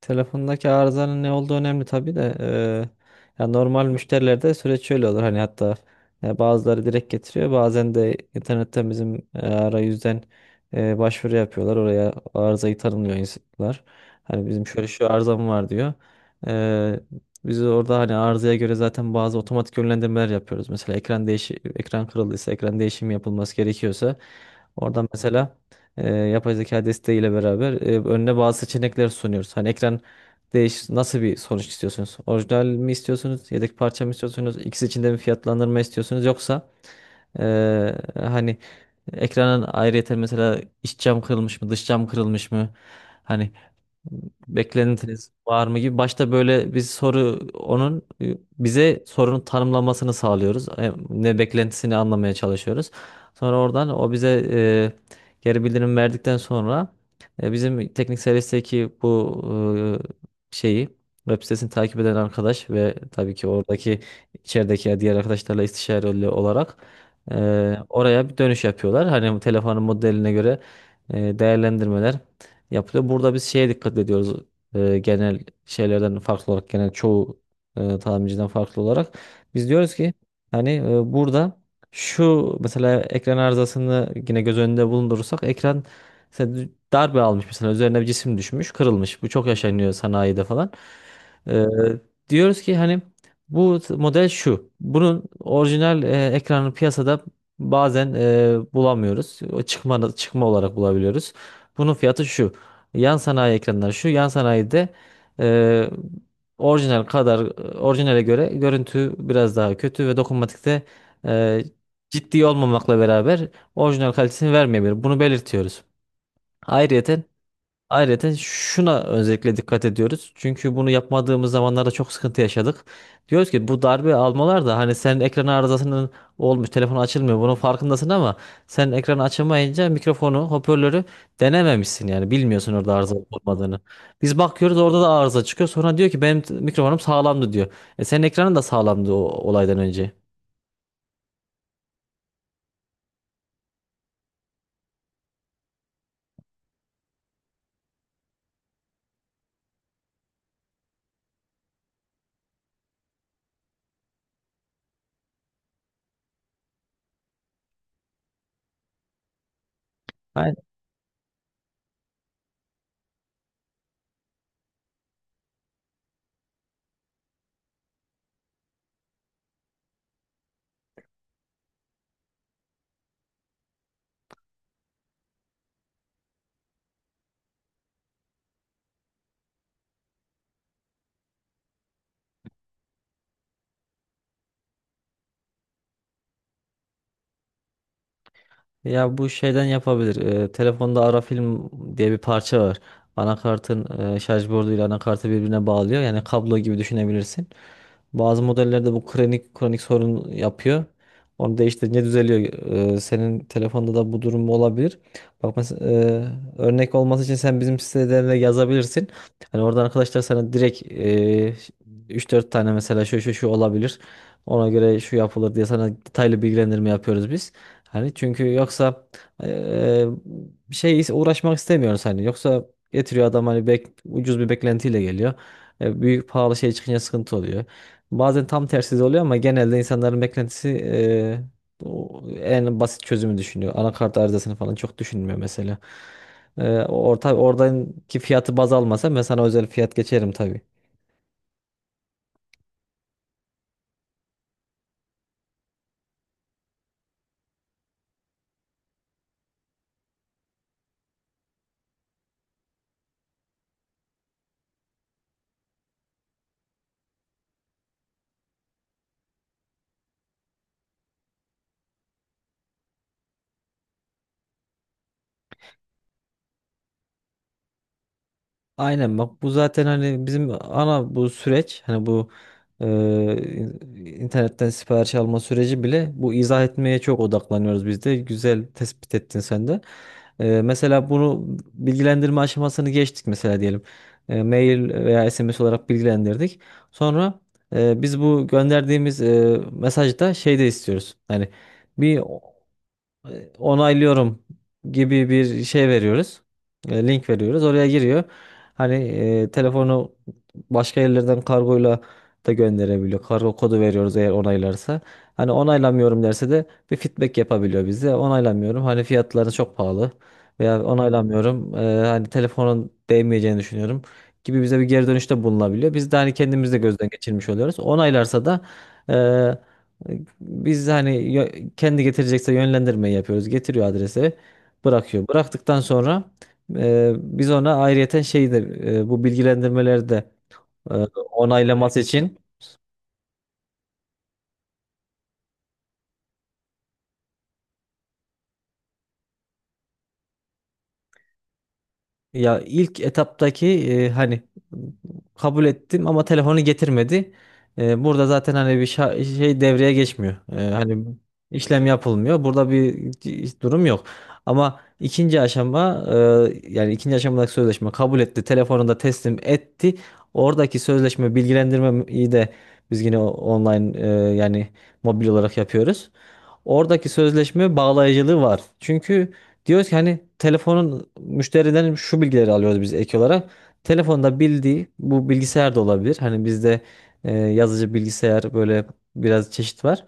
Telefondaki arızanın ne olduğu önemli tabii de ya normal müşterilerde süreç şöyle olur hani hatta bazıları direkt getiriyor, bazen de internetten bizim arayüzden başvuru yapıyorlar, oraya arızayı tanımlıyor insanlar, hani bizim şöyle şu arızam var diyor. Eee, Biz orada hani arızaya göre zaten bazı otomatik yönlendirmeler yapıyoruz. Mesela ekran kırıldıysa, ekran değişimi yapılması gerekiyorsa oradan mesela yapay zeka desteğiyle beraber önüne bazı seçenekler sunuyoruz. Hani ekran nasıl bir sonuç istiyorsunuz? Orijinal mi istiyorsunuz? Yedek parça mı istiyorsunuz? İkisi içinde bir fiyatlandırma istiyorsunuz? Yoksa e, hani ekranın ayrıyeten mesela iç cam kırılmış mı, dış cam kırılmış mı? Hani beklentiniz var mı gibi. Başta böyle biz soru onun bize sorunun tanımlamasını sağlıyoruz. Ne beklentisini anlamaya çalışıyoruz. Sonra oradan o bize geri bildirim verdikten sonra bizim teknik servisteki bu şeyi, web sitesini takip eden arkadaş ve tabii ki oradaki içerideki diğer arkadaşlarla istişareli olarak e, oraya bir dönüş yapıyorlar. Hani bu telefonun modeline göre değerlendirmeler yapılıyor. Burada biz şeye dikkat ediyoruz. Genel şeylerden farklı olarak, genel çoğu tamirciden farklı olarak biz diyoruz ki hani, burada şu, mesela ekran arızasını yine göz önünde bulundurursak, ekran mesela darbe almış, mesela üzerine bir cisim düşmüş, kırılmış. Bu çok yaşanıyor sanayide falan. E, Diyoruz ki hani bu model şu. Bunun orijinal ekranı piyasada bazen bulamıyoruz. O çıkma olarak bulabiliyoruz. Bunun fiyatı şu. Yan sanayi ekranlar şu. Yan sanayide e, orijinal kadar orijinale göre görüntü biraz daha kötü ve dokunmatikte e, ciddi olmamakla beraber orijinal kalitesini vermeyebilir. Bunu belirtiyoruz. Ayrıca Ayrıca şuna özellikle dikkat ediyoruz. Çünkü bunu yapmadığımız zamanlarda çok sıkıntı yaşadık. Diyoruz ki, bu darbe almalar da hani senin ekran arızasının olmuş, telefon açılmıyor. Bunun farkındasın ama sen ekranı açamayınca mikrofonu, hoparlörü denememişsin, yani bilmiyorsun orada arıza olup olmadığını. Biz bakıyoruz, orada da arıza çıkıyor. Sonra diyor ki benim mikrofonum sağlamdı diyor. E senin ekranın da sağlamdı o olaydan önce. Ya bu şeyden yapabilir. Telefonda Ara Film diye bir parça var. Anakartın şarj borduyla anakartı birbirine bağlıyor. Yani kablo gibi düşünebilirsin. Bazı modellerde bu kronik kronik sorun yapıyor. Onu değiştirince düzeliyor. Senin telefonda da bu durum olabilir. Bak mesela, örnek olması için sen bizim sitelerine yazabilirsin. Hani oradan arkadaşlar sana direkt 3-4 tane mesela şu şu şu olabilir, ona göre şu yapılır diye sana detaylı bilgilendirme yapıyoruz biz. Hani çünkü yoksa e, bir şey uğraşmak istemiyoruz hani. Yoksa getiriyor adam, hani ucuz bir beklentiyle geliyor. Büyük pahalı şey çıkınca sıkıntı oluyor. Bazen tam tersi de oluyor ama genelde insanların beklentisi o en basit çözümü düşünüyor. Anakart arızasını falan çok düşünmüyor mesela. Oradaki fiyatı baz almasa ben sana özel fiyat geçerim tabii. Aynen bak, bu zaten hani bizim ana bu süreç, hani bu e, internetten sipariş alma süreci bile bu, izah etmeye çok odaklanıyoruz biz de. Güzel tespit ettin sen de. Mesela bunu bilgilendirme aşamasını geçtik mesela, diyelim. Mail veya SMS olarak bilgilendirdik. Sonra biz bu gönderdiğimiz mesajda şey de istiyoruz. Hani bir onaylıyorum gibi bir şey veriyoruz. Link veriyoruz. Oraya giriyor. Hani telefonu başka yerlerden kargoyla da gönderebiliyor. Kargo kodu veriyoruz eğer onaylarsa. Hani onaylamıyorum derse de bir feedback yapabiliyor bize. Onaylamıyorum, hani fiyatları çok pahalı, veya onaylamıyorum, hani telefonun değmeyeceğini düşünüyorum gibi, bize bir geri dönüşte bulunabiliyor. Biz de hani kendimiz de gözden geçirmiş oluyoruz. Onaylarsa da e, biz hani kendi getirecekse yönlendirmeyi yapıyoruz. Getiriyor adrese, bırakıyor. Bıraktıktan sonra biz ona ayrıyeten şeyi de, bu bilgilendirmeleri de e, onaylaması için. Ya ilk etaptaki hani kabul ettim ama telefonu getirmedi. Burada zaten hani bir şey devreye geçmiyor. Hani işlem yapılmıyor. Burada bir durum yok. Ama ikinci aşama yani ikinci aşamadaki sözleşme kabul etti, telefonu da teslim etti. Oradaki sözleşme bilgilendirmeyi de biz yine online, yani mobil olarak yapıyoruz. Oradaki sözleşme bağlayıcılığı var. Çünkü diyoruz ki hani telefonun müşteriden şu bilgileri alıyoruz biz ek olarak. Telefonda bildiği bu bilgisayar da olabilir. Hani bizde yazıcı, bilgisayar, böyle biraz çeşit var.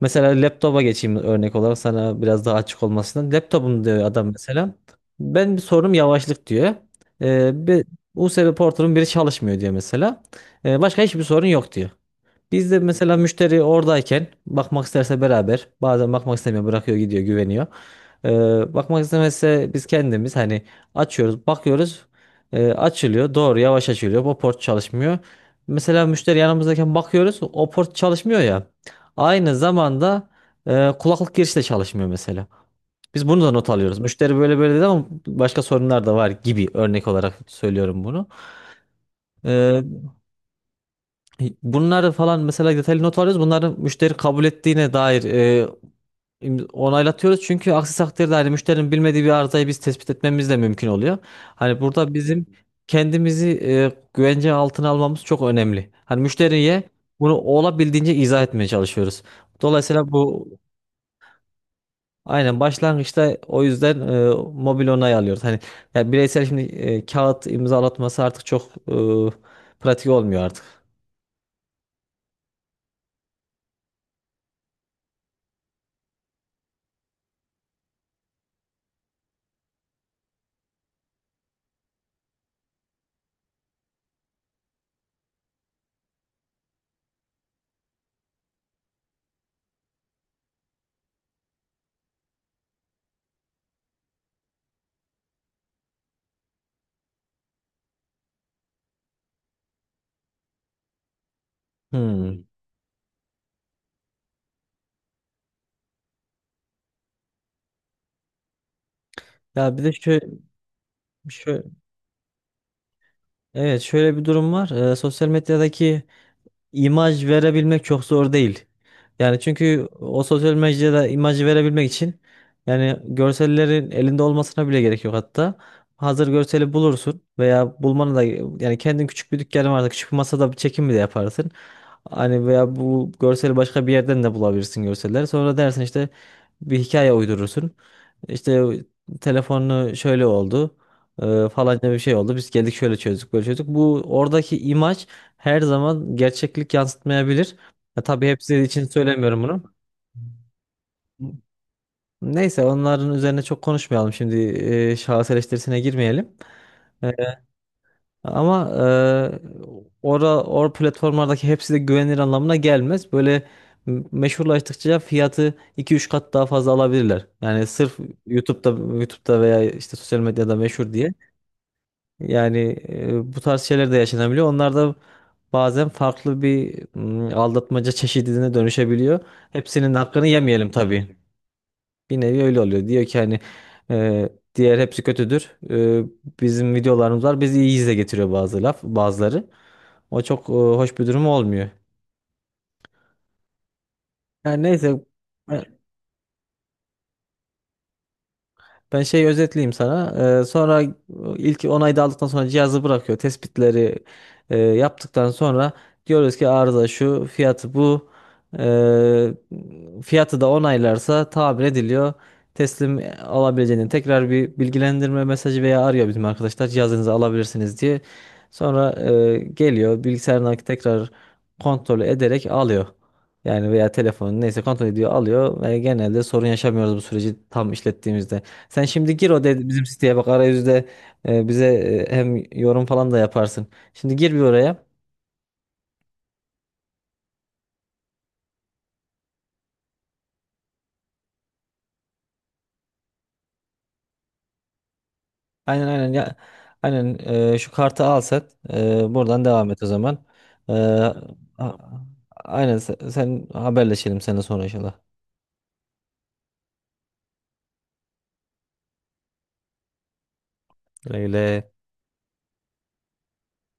Mesela laptopa geçeyim örnek olarak, sana biraz daha açık olmasından. Laptopum diyor adam mesela. Ben bir sorunum yavaşlık diyor. Bir USB portunun biri çalışmıyor diyor mesela. Başka hiçbir sorun yok diyor. Biz de mesela müşteri oradayken bakmak isterse beraber, bazen bakmak istemiyor, bırakıyor gidiyor, güveniyor. Bakmak istemezse biz kendimiz hani açıyoruz, bakıyoruz açılıyor doğru, yavaş açılıyor, o port çalışmıyor. Mesela müşteri yanımızdayken bakıyoruz, o port çalışmıyor ya, aynı zamanda kulaklık girişi de çalışmıyor mesela. Biz bunu da not alıyoruz. Müşteri böyle böyle dedi ama başka sorunlar da var gibi, örnek olarak söylüyorum bunu. Ee, Bunları falan mesela detaylı not alıyoruz. Bunları müşteri kabul ettiğine dair onaylatıyoruz. Çünkü aksi takdirde hani müşterinin bilmediği bir arızayı biz tespit etmemiz de mümkün oluyor. Hani burada bizim kendimizi güvence altına almamız çok önemli. Hani müşteriye bunu olabildiğince izah etmeye çalışıyoruz. Dolayısıyla bu aynen, başlangıçta o yüzden mobil onay alıyoruz. Hani ya, bireysel şimdi kağıt imzalatması artık çok e, pratik olmuyor artık. Hmm. Ya bir de şöyle, evet, şöyle bir durum var. Sosyal medyadaki imaj verebilmek çok zor değil. Yani çünkü o sosyal medyada imajı verebilmek için, yani görsellerin elinde olmasına bile gerek yok hatta. Hazır görseli bulursun, veya bulmanı da, yani kendin küçük bir dükkanın varsa küçük bir masada bir çekim bile yaparsın. Hani veya bu görseli başka bir yerden de bulabilirsin görseller. Sonra dersin işte, bir hikaye uydurursun. İşte telefonunu şöyle oldu. Falanca bir şey oldu. Biz geldik şöyle çözdük, böyle çözdük. Bu oradaki imaj her zaman gerçeklik yansıtmayabilir. Ya, tabii hepsi için söylemiyorum bunu. Neyse, onların üzerine çok konuşmayalım şimdi, şahıs eleştirisine girmeyelim. E, Ama ora or platformlardaki hepsi de güvenilir anlamına gelmez. Böyle meşhurlaştıkça fiyatı iki üç kat daha fazla alabilirler. Yani sırf YouTube'da veya işte sosyal medyada meşhur diye. Yani bu tarz şeyler de yaşanabiliyor. Onlar da bazen farklı bir aldatmaca çeşidine dönüşebiliyor. Hepsinin hakkını yemeyelim tabii. Bir nevi öyle oluyor. Diyor ki hani e, diğer hepsi kötüdür. Bizim videolarımız var, bizi iyi izle getiriyor bazı laf, bazıları. O çok hoş bir durum olmuyor. Yani neyse, ben şeyi özetleyeyim sana. Sonra ilk onayı da aldıktan sonra cihazı bırakıyor. Tespitleri yaptıktan sonra diyoruz ki arıza şu, fiyatı bu. Ee, Fiyatı da onaylarsa tamir ediliyor. Teslim alabileceğini tekrar bir bilgilendirme mesajı, veya arıyor bizim arkadaşlar cihazınızı alabilirsiniz diye. Sonra geliyor bilgisayarına tekrar, kontrol ederek alıyor. Yani veya telefonu neyse kontrol ediyor, alıyor, ve genelde sorun yaşamıyoruz bu süreci tam işlettiğimizde. Sen şimdi gir, o dedi bizim siteye, bak arayüzde bize hem yorum falan da yaparsın. Şimdi gir bir oraya. Aynen aynen ya. Aynen, şu kartı al sen. Buradan devam et o zaman. E, a- aynen, sen haberleşelim seninle sonra inşallah. Öyle.